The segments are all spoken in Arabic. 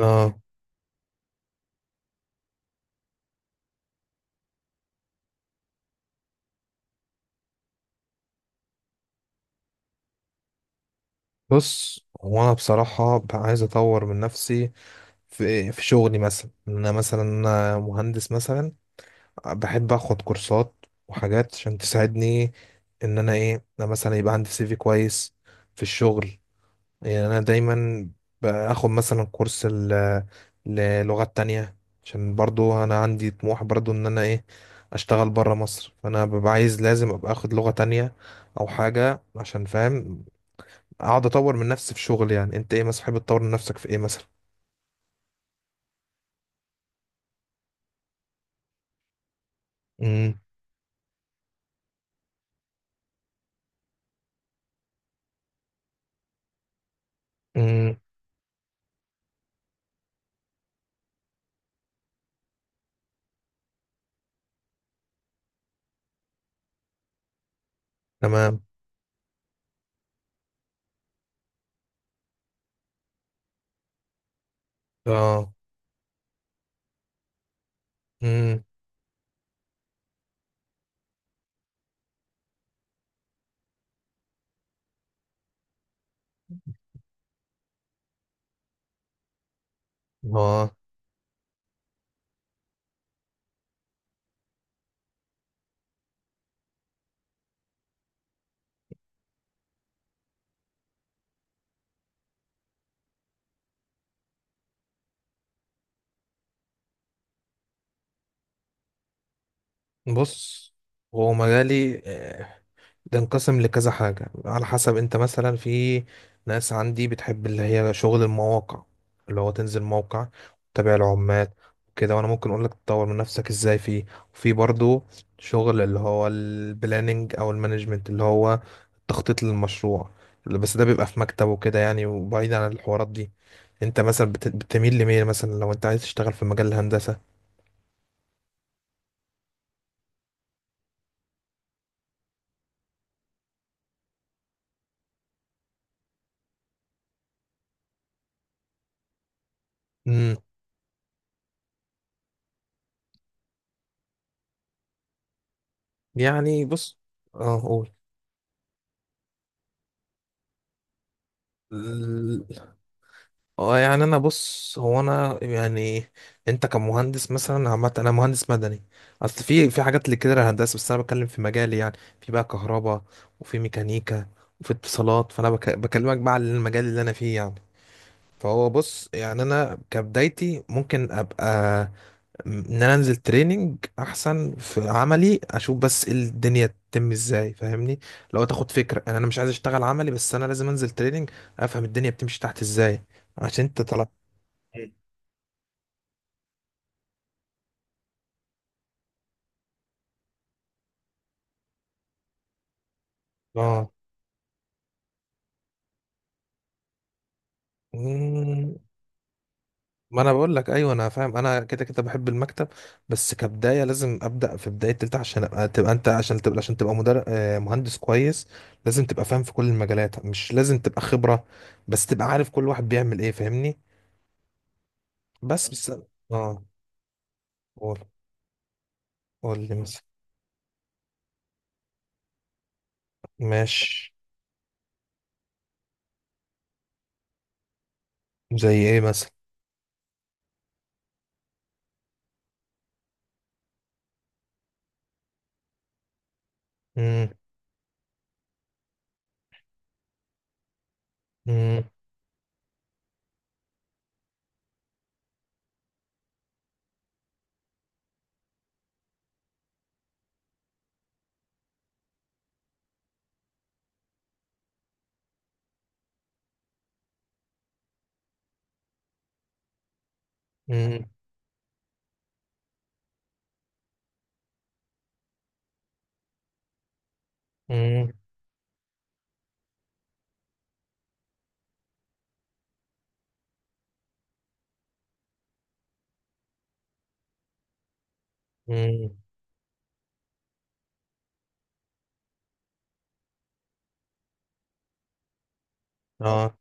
آه. بص، هو أنا بصراحة عايز أطور من نفسي في شغلي، مثلا إن أنا مثلا أنا مهندس. مثلا بحب أخد كورسات وحاجات عشان تساعدني إن أنا أنا مثلا يبقى عندي سي في كويس في الشغل. يعني أنا دايما باخد مثلا كورس للغات تانية، عشان برضو أنا عندي طموح برضو إن أنا أشتغل برا مصر، فأنا ببقى عايز لازم أبقى أخد لغة تانية أو حاجة، عشان فاهم اقعد اطور من نفسي في شغل. يعني انت ايه مثلا بتحب تطور من نفسك في ايه مثلا؟ امم. امم. تمام. اه. امم. اه. بص، هو مجالي بتنقسم لكذا حاجة، على حسب انت مثلا. في ناس عندي بتحب اللي هي شغل المواقع، اللي هو تنزل موقع تتابع العمال كده، وانا ممكن اقول لك تطور من نفسك ازاي فيه. وفي برضو شغل اللي هو البلاننج او المانجمنت، اللي هو التخطيط للمشروع، بس ده بيبقى في مكتب وكده يعني، وبعيد عن الحوارات دي. انت مثلا بتميل لمين مثلا، لو انت عايز تشتغل في مجال الهندسة؟ امم. يعني بص. اه، قول. اه، يعني انا بص هو انا يعني انت كمهندس مثلا، عامه انا مهندس مدني. اصل في حاجات اللي كده هندسه، بس انا بتكلم في مجالي يعني. في بقى كهرباء، وفي ميكانيكا، وفي اتصالات، فانا بكلمك بقى على المجال اللي انا فيه يعني. فهو بص، يعني انا كبدايتي ممكن ابقى ان انا انزل تريننج احسن في عملي، اشوف بس إيه الدنيا تتم ازاي، فاهمني؟ لو تاخد فكره يعني، انا مش عايز اشتغل عملي، بس انا لازم انزل تريننج افهم الدنيا بتمشي تحت ازاي، عشان انت. مم. اه. مم. ما انا بقول لك ايوه، انا فاهم. انا كده كده بحب المكتب، بس كبدايه لازم ابدا في بدايه تالتة، عشان ابقى تبقى انت عشان تبقى عشان تبقى مدرب مهندس كويس. لازم تبقى فاهم في كل المجالات، مش لازم تبقى خبره، بس تبقى عارف كل واحد بيعمل ايه، فاهمني؟ بس تمام. بس اه، قول. قول لي مثلا. ماشي. زي ايه مثلا؟ مم. مم. مم. مم. مم. اه.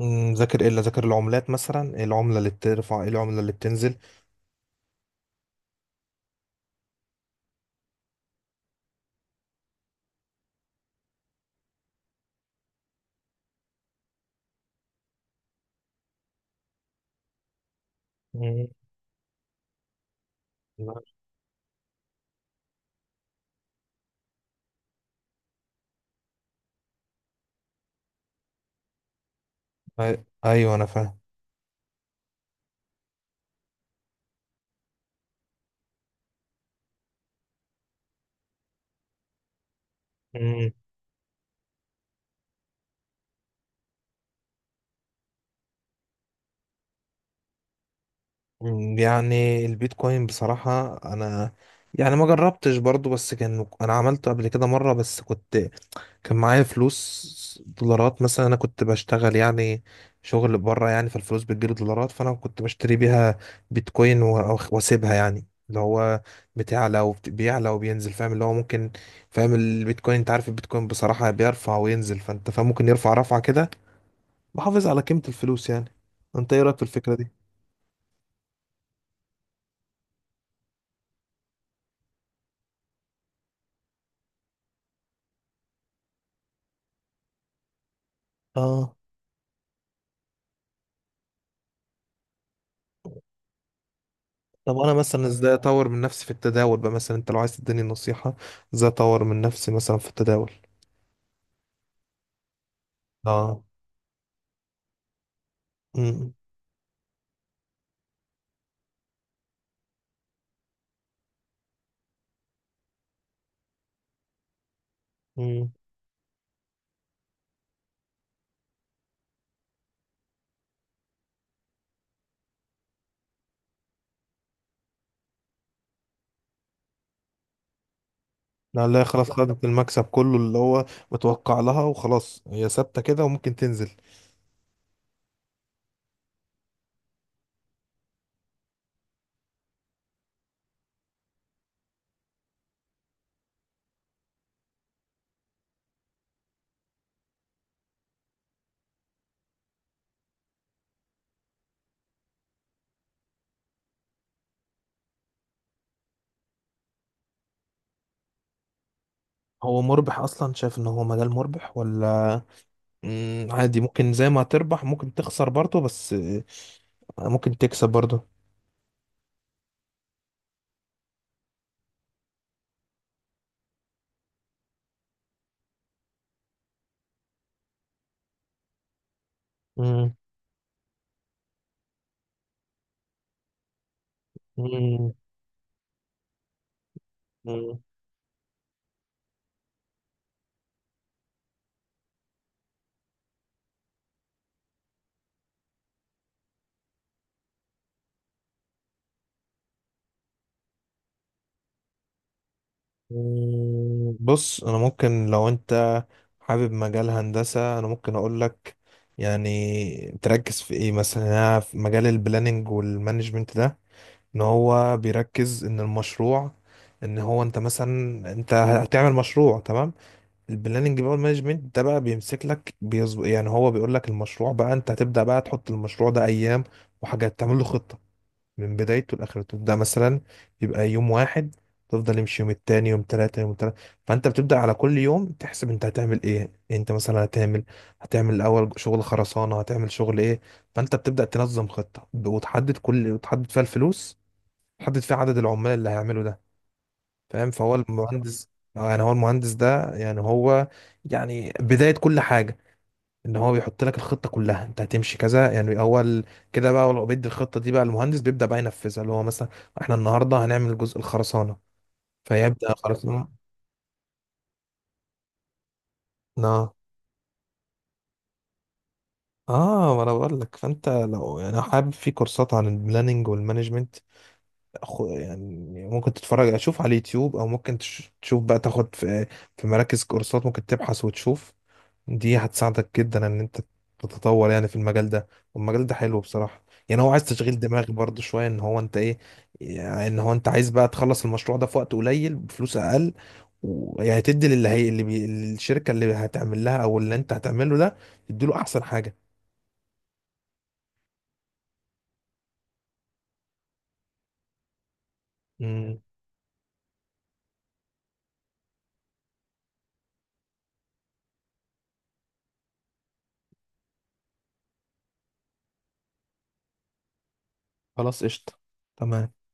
مم. ذاكر العملات مثلا؟ ايه العمله اللي بترفع، ايه العمله اللي بتنزل؟ أي- ايوه انا فاهم. مم. مم. يعني البيتكوين بصراحة انا يعني ما جربتش برضو، بس كان انا عملته قبل كده مرة. بس كنت، كان معايا فلوس دولارات مثلا، انا كنت بشتغل يعني شغل بره يعني، فالفلوس بتجيلي دولارات، فانا كنت بشتري بيها بيتكوين واسيبها. يعني اللي هو بتعلى وبيعلى وبينزل، فاهم؟ اللي هو ممكن، فاهم البيتكوين، انت عارف البيتكوين بصراحة بيرفع وينزل، فانت فاهم ممكن يرفع رفعة كده بحافظ على قيمة الفلوس يعني. انت ايه رأيك في الفكرة دي؟ اه. طب انا مثلا ازاي اطور من نفسي في التداول بقى مثلا؟ انت لو عايز تديني نصيحة ازاي اطور من نفسي مثلا في التداول. اه. امم. امم. لا لا، خلاص خدت المكسب كله اللي هو متوقع لها، وخلاص هي ثابتة كده وممكن تنزل. هو مربح اصلا؟ شايف ان هو مجال مربح ولا؟ مم، عادي، ممكن زي ما تربح ممكن تخسر برضه، بس ممكن تكسب برضه. امم. مم، بص، انا ممكن لو انت حابب مجال هندسة انا ممكن اقول لك يعني تركز في ايه مثلا. يعني أنا في مجال البلاننج والمانجمنت ده، ان هو بيركز ان المشروع، ان هو انت مثلا انت هتعمل مشروع، تمام؟ البلاننج بقى والمانجمنت ده بقى بيمسك لك بيظبط، يعني هو بيقول لك المشروع بقى، انت هتبدأ بقى تحط المشروع ده ايام وحاجات، تعمل له خطة من بدايته لاخرته. ده مثلا يبقى يوم واحد، تفضل يمشي يوم التاني، يوم تلاتة يوم تلاتة. فانت بتبدأ على كل يوم تحسب انت هتعمل ايه. انت مثلا هتعمل الاول شغل خرسانة، هتعمل شغل ايه. فانت بتبدأ تنظم خطة، وتحدد فيها الفلوس، تحدد فيها عدد العمال اللي هيعملوا ده، فاهم؟ فهو المهندس. آه، يعني هو المهندس ده يعني هو يعني بداية كل حاجة، ان هو بيحط لك الخطه كلها انت هتمشي كذا يعني. اول كده بقى، ولو بيدي الخطه دي بقى، المهندس بيبدا بقى ينفذها، اللي هو مثلا احنا النهارده هنعمل جزء الخرسانه، فيبدا خرسانه. اه. اه، ما انا بقول لك. فانت لو يعني حابب في كورسات عن البلاننج والمانجمنت، يعني ممكن تتفرج اشوف على اليوتيوب، او ممكن تشوف بقى تاخد في مراكز كورسات، ممكن تبحث وتشوف. دي هتساعدك جدا ان انت تتطور يعني في المجال ده. والمجال ده حلو بصراحة، يعني هو عايز تشغيل دماغ برضو شوية، ان هو انت ايه يعني، ان هو انت عايز بقى تخلص المشروع ده في وقت قليل بفلوس اقل، ويعني تدي للي هي اللي الشركة اللي هتعمل لها او اللي انت هتعمله ده، تدي له احسن حاجة. مم. خلاص، قشطة. تمام.